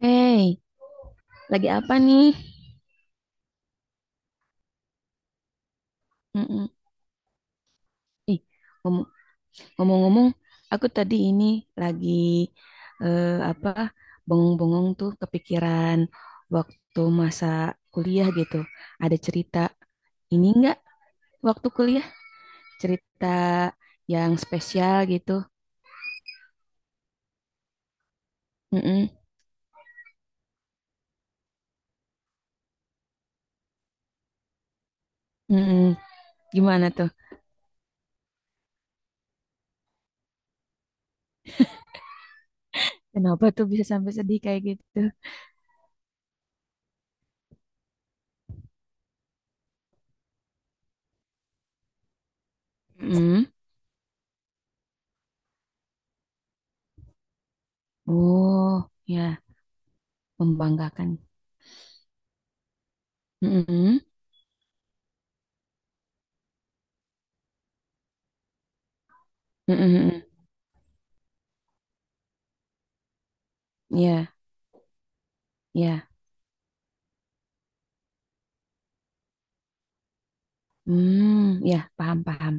Hey, lagi apa nih? Mm-mm. Ih, ngom- ngomong-ngomong, aku tadi ini lagi apa bengong-bengong tuh kepikiran waktu masa kuliah gitu. Ada cerita ini enggak waktu kuliah? Cerita yang spesial gitu. Mm-mm. Mm-mm. Gimana tuh? Kenapa tuh bisa sampai sedih kayak gitu? Mm-mm. Oh, ya, membanggakan. Mm-mm. Mm-mm. Ya, ya. Hmm, ya, paham paham.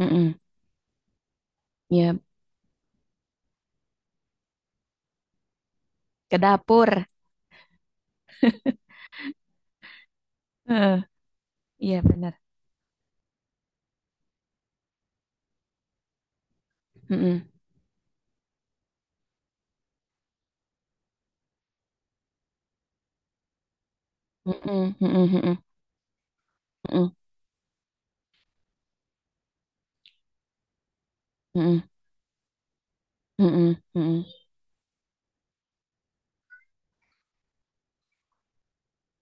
Mm-mm. Ya, ke dapur. Heeh, iya benar. Mm-mm. Mm-mm, mm-mm, mm-mm, mm-mm, mm-mm, mm-mm, mm-mm,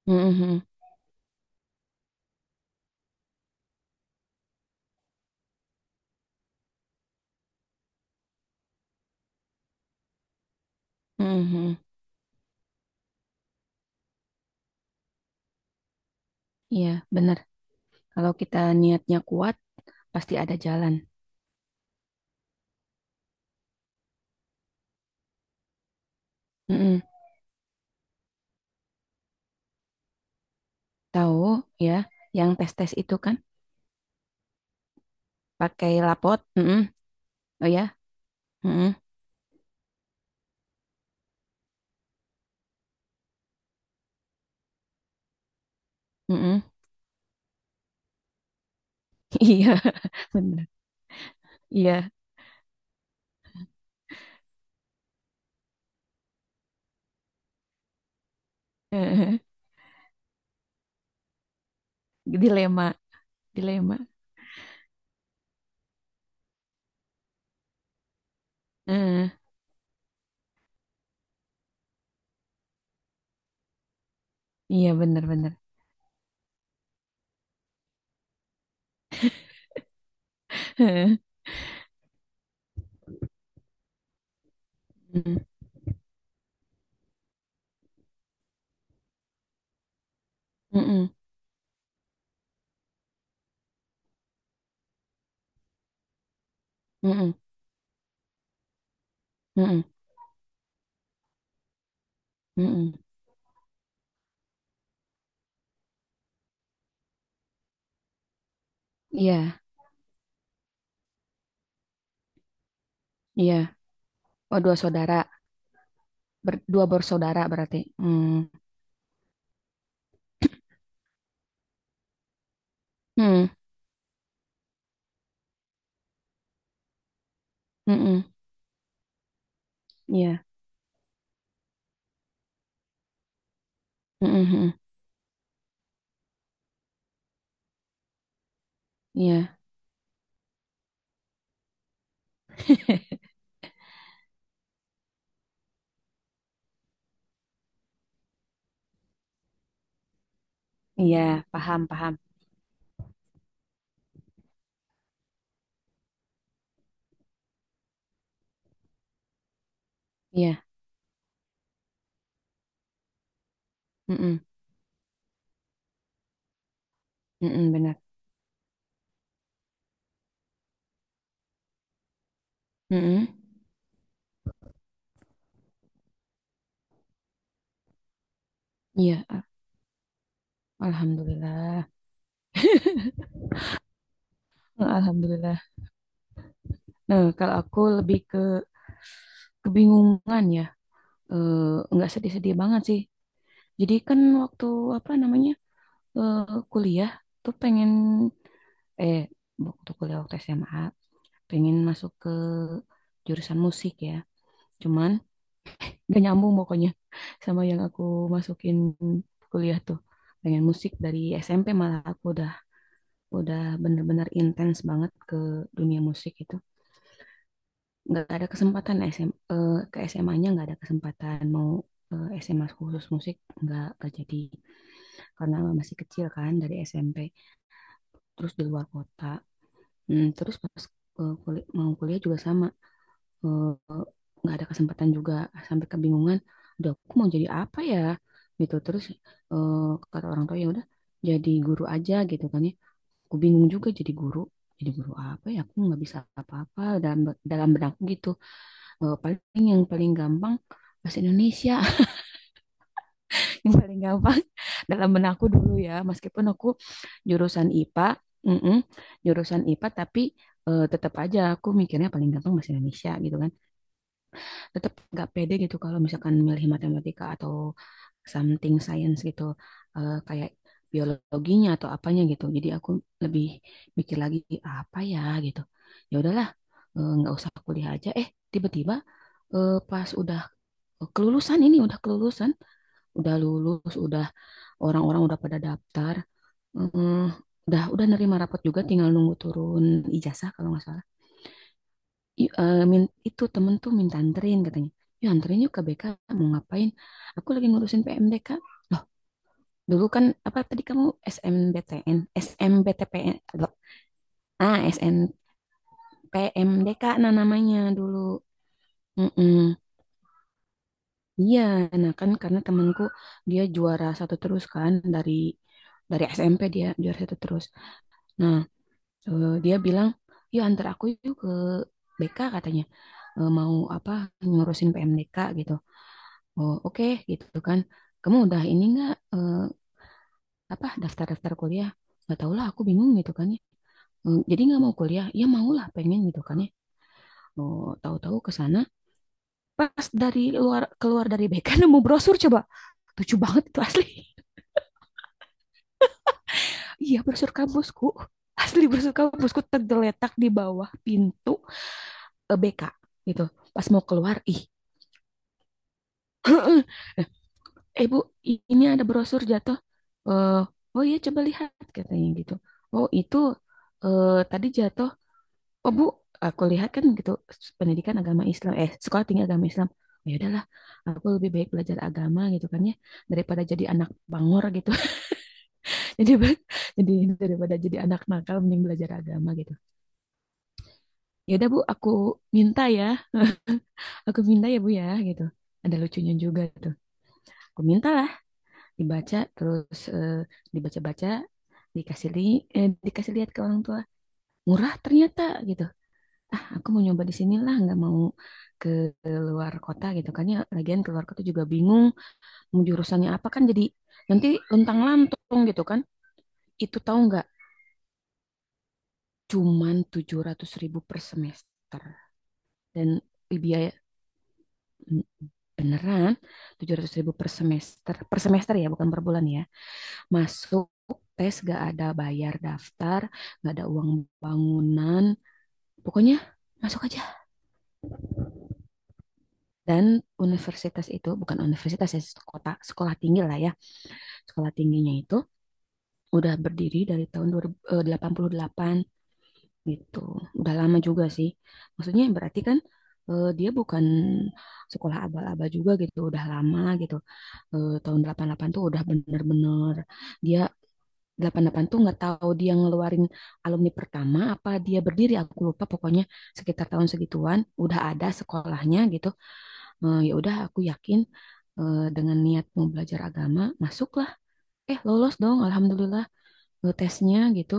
mm-mm, mm-mm, mm-mm. Iya benar. Kalau kita niatnya kuat, pasti ada jalan. Mm-mm. Tahu ya? Yang tes tes itu kan pakai lapot. Mm-mm. Oh ya. Mm-mm, mm-mm. Iya benar. Iya. Dilema dilema. Eh, Iya benar benar. Mm-mm. Mm-mm. Mm-mm, mm-mm, mm-mm. Iya, iya. Oh, dua saudara. Dua bersaudara berarti. Hmm, hmm, mm-mm, iya, mm-mm, mm-mm, iya, iya. Paham, paham. Iya, mm-mm, mm-mm, benar. Mm-mm, iya, alhamdulillah. Alhamdulillah. Nah, kalau aku lebih ke kebingungan ya, nggak sedih-sedih banget sih. Jadi kan waktu apa namanya, eh, kuliah tuh pengen, eh waktu kuliah, waktu SMA pengen masuk ke jurusan musik ya. Cuman gak nyambung pokoknya, sama yang aku masukin kuliah tuh. Pengen musik dari SMP malah aku udah, bener-bener intens banget ke dunia musik itu. Nggak ada kesempatan eh, ke SMA-nya nggak ada kesempatan mau, SMA khusus musik nggak jadi, karena masih kecil kan dari SMP terus di luar kota. Hmm, terus pas, mau kuliah juga sama, eh, nggak ada kesempatan juga, sampai kebingungan, udah aku mau jadi apa ya gitu. Terus, eh, kata orang tua ya udah jadi guru aja gitu kan ya, aku bingung juga jadi guru. Jadi guru apa ya, aku nggak bisa apa-apa dalam, benakku gitu. Paling yang paling gampang bahasa Indonesia, yang paling gampang dalam benakku dulu ya, meskipun aku jurusan IPA, mm-mm, jurusan IPA tapi, tetap aja aku mikirnya paling gampang bahasa Indonesia gitu kan. Tetap nggak pede gitu kalau misalkan milih matematika atau something science gitu, kayak biologinya atau apanya gitu. Jadi aku lebih mikir lagi apa ya gitu, ya udahlah, nggak usah kuliah aja. Tiba-tiba, pas udah kelulusan, ini udah kelulusan, udah lulus, udah orang-orang udah pada daftar, eh, udah, nerima rapot juga, tinggal nunggu turun ijazah kalau nggak salah. Itu temen tuh minta anterin katanya, ya anterin yuk ke BK. Mau ngapain? Aku lagi ngurusin PMDK. Loh, dulu kan apa tadi kamu, SMBTN, SMBTPN? Loh. Ah, SNPMDK nah namanya dulu. Mm-mm. Iya, nah kan karena temanku dia juara satu terus kan, dari, SMP dia juara satu terus. Nah, dia bilang yuk antar aku yuk ke BK katanya. Mau apa? Ngurusin PMDK gitu. Oh oke gitu kan, kamu udah ini nggak, apa, daftar-daftar kuliah? Nggak tahu lah, aku bingung gitu kan ya. Jadi nggak mau kuliah? Ya mau lah, pengen gitu kan ya. Oh tahu-tahu ke sana, pas dari luar keluar dari BK, nemu brosur coba, lucu banget itu asli. Iya, brosur kampusku, asli brosur kampusku tergeletak di bawah pintu, BK gitu, pas mau keluar ih. Eh bu, ini ada brosur jatuh. Eh, oh iya coba lihat katanya gitu. Oh itu, eh tadi jatuh. Oh bu, aku lihat kan gitu, pendidikan agama Islam, eh, sekolah tinggi agama Islam. Oh, ya udahlah, aku lebih baik belajar agama gitu kan ya, daripada jadi anak bangor gitu. jadi ba- jadi, daripada jadi anak nakal mending belajar agama gitu. Ya udah bu, aku minta ya, aku minta ya bu ya gitu. Ada lucunya juga tuh. Aku minta, dibaca, terus, dibaca-baca, dikasih li, dikasih lihat ke orang tua, murah ternyata gitu. Ah aku mau nyoba di sinilah, nggak mau ke, luar kota gitu kan ya. Lagian keluar kota juga bingung mau jurusannya apa kan, jadi nanti luntang lantung gitu kan. Itu tahu nggak, cuman 700 ribu per semester. Dan biaya, beneran 700 ribu per semester, per semester ya bukan per bulan ya. Masuk tes gak ada, bayar daftar gak ada, uang bangunan, pokoknya masuk aja. Dan universitas itu bukan universitas ya, sekolah, sekolah tinggi lah ya. Sekolah tingginya itu udah berdiri dari tahun 88 gitu, udah lama juga sih, maksudnya berarti kan, dia bukan sekolah abal-abal juga gitu, udah lama gitu. Tahun 88 tuh udah bener-bener, dia, 88 tuh, nggak tahu dia ngeluarin alumni pertama apa dia berdiri aku lupa. Pokoknya sekitar tahun segituan udah ada sekolahnya gitu. Ya udah aku yakin, dengan niat mau belajar agama, masuklah, eh lolos dong, alhamdulillah, tesnya gitu.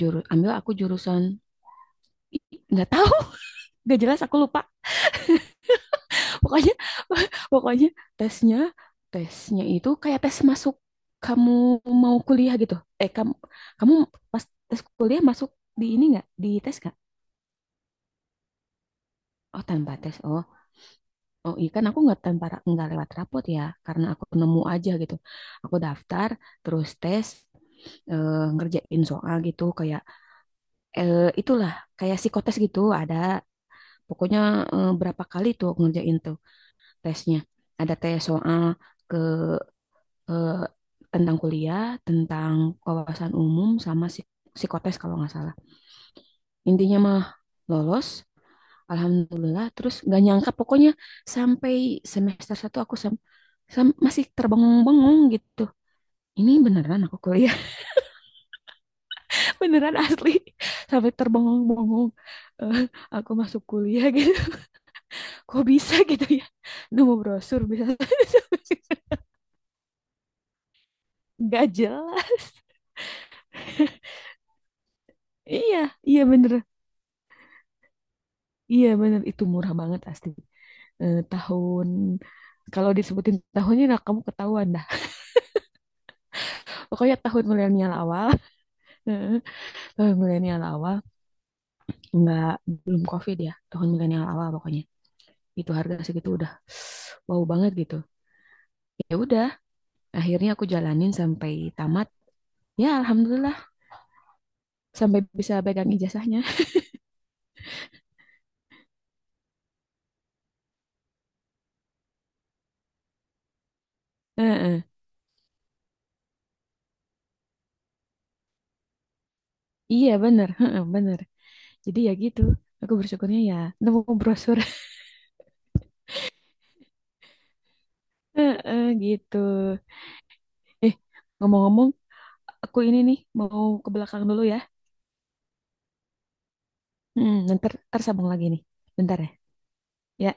Ambil aku jurusan, nggak tahu, nggak jelas, aku lupa. Pokoknya pokoknya tesnya, itu kayak tes masuk, kamu mau kuliah gitu. Eh kamu, kamu pas tes kuliah masuk di ini, nggak di tes nggak? Oh tanpa tes. Oh, oh iya kan aku nggak tanpa, nggak lewat rapot ya, karena aku nemu aja gitu. Aku daftar, terus tes, ngerjain soal gitu kayak, itulah kayak psikotes gitu ada. Pokoknya, berapa kali tuh aku ngerjain tuh tesnya. Ada tes soal ke, eh, tentang kuliah, tentang wawasan umum, sama psikotes kalau nggak salah. Intinya mah lolos, alhamdulillah. Terus nggak nyangka, pokoknya sampai semester satu aku masih terbengung-bengung gitu. Ini beneran aku kuliah, beneran asli. Sampai terbengung-bengung, eh, aku masuk kuliah gitu. Kok bisa gitu ya? Nemu brosur bisa. Nggak jelas. Iya, iya bener. Iya bener, itu murah banget asli. Tahun kalau disebutin tahunnya nah kamu ketahuan dah. Pokoknya tahun milenial awal, eh, tahun milenial awal, nggak, belum COVID ya, tahun milenial awal pokoknya. Itu harga segitu udah wow banget gitu. Ya udah, akhirnya aku jalanin sampai tamat. Ya alhamdulillah sampai bisa pegang ijazahnya. Heeh. Iya bener, heeh, bener. Jadi ya gitu, aku bersyukurnya ya nemu brosur. Heeh, gitu. Eh, Ngomong-ngomong, aku ini nih mau ke belakang dulu ya. Hmm, ntar, ntar sambung lagi nih. Bentar ya. Ya,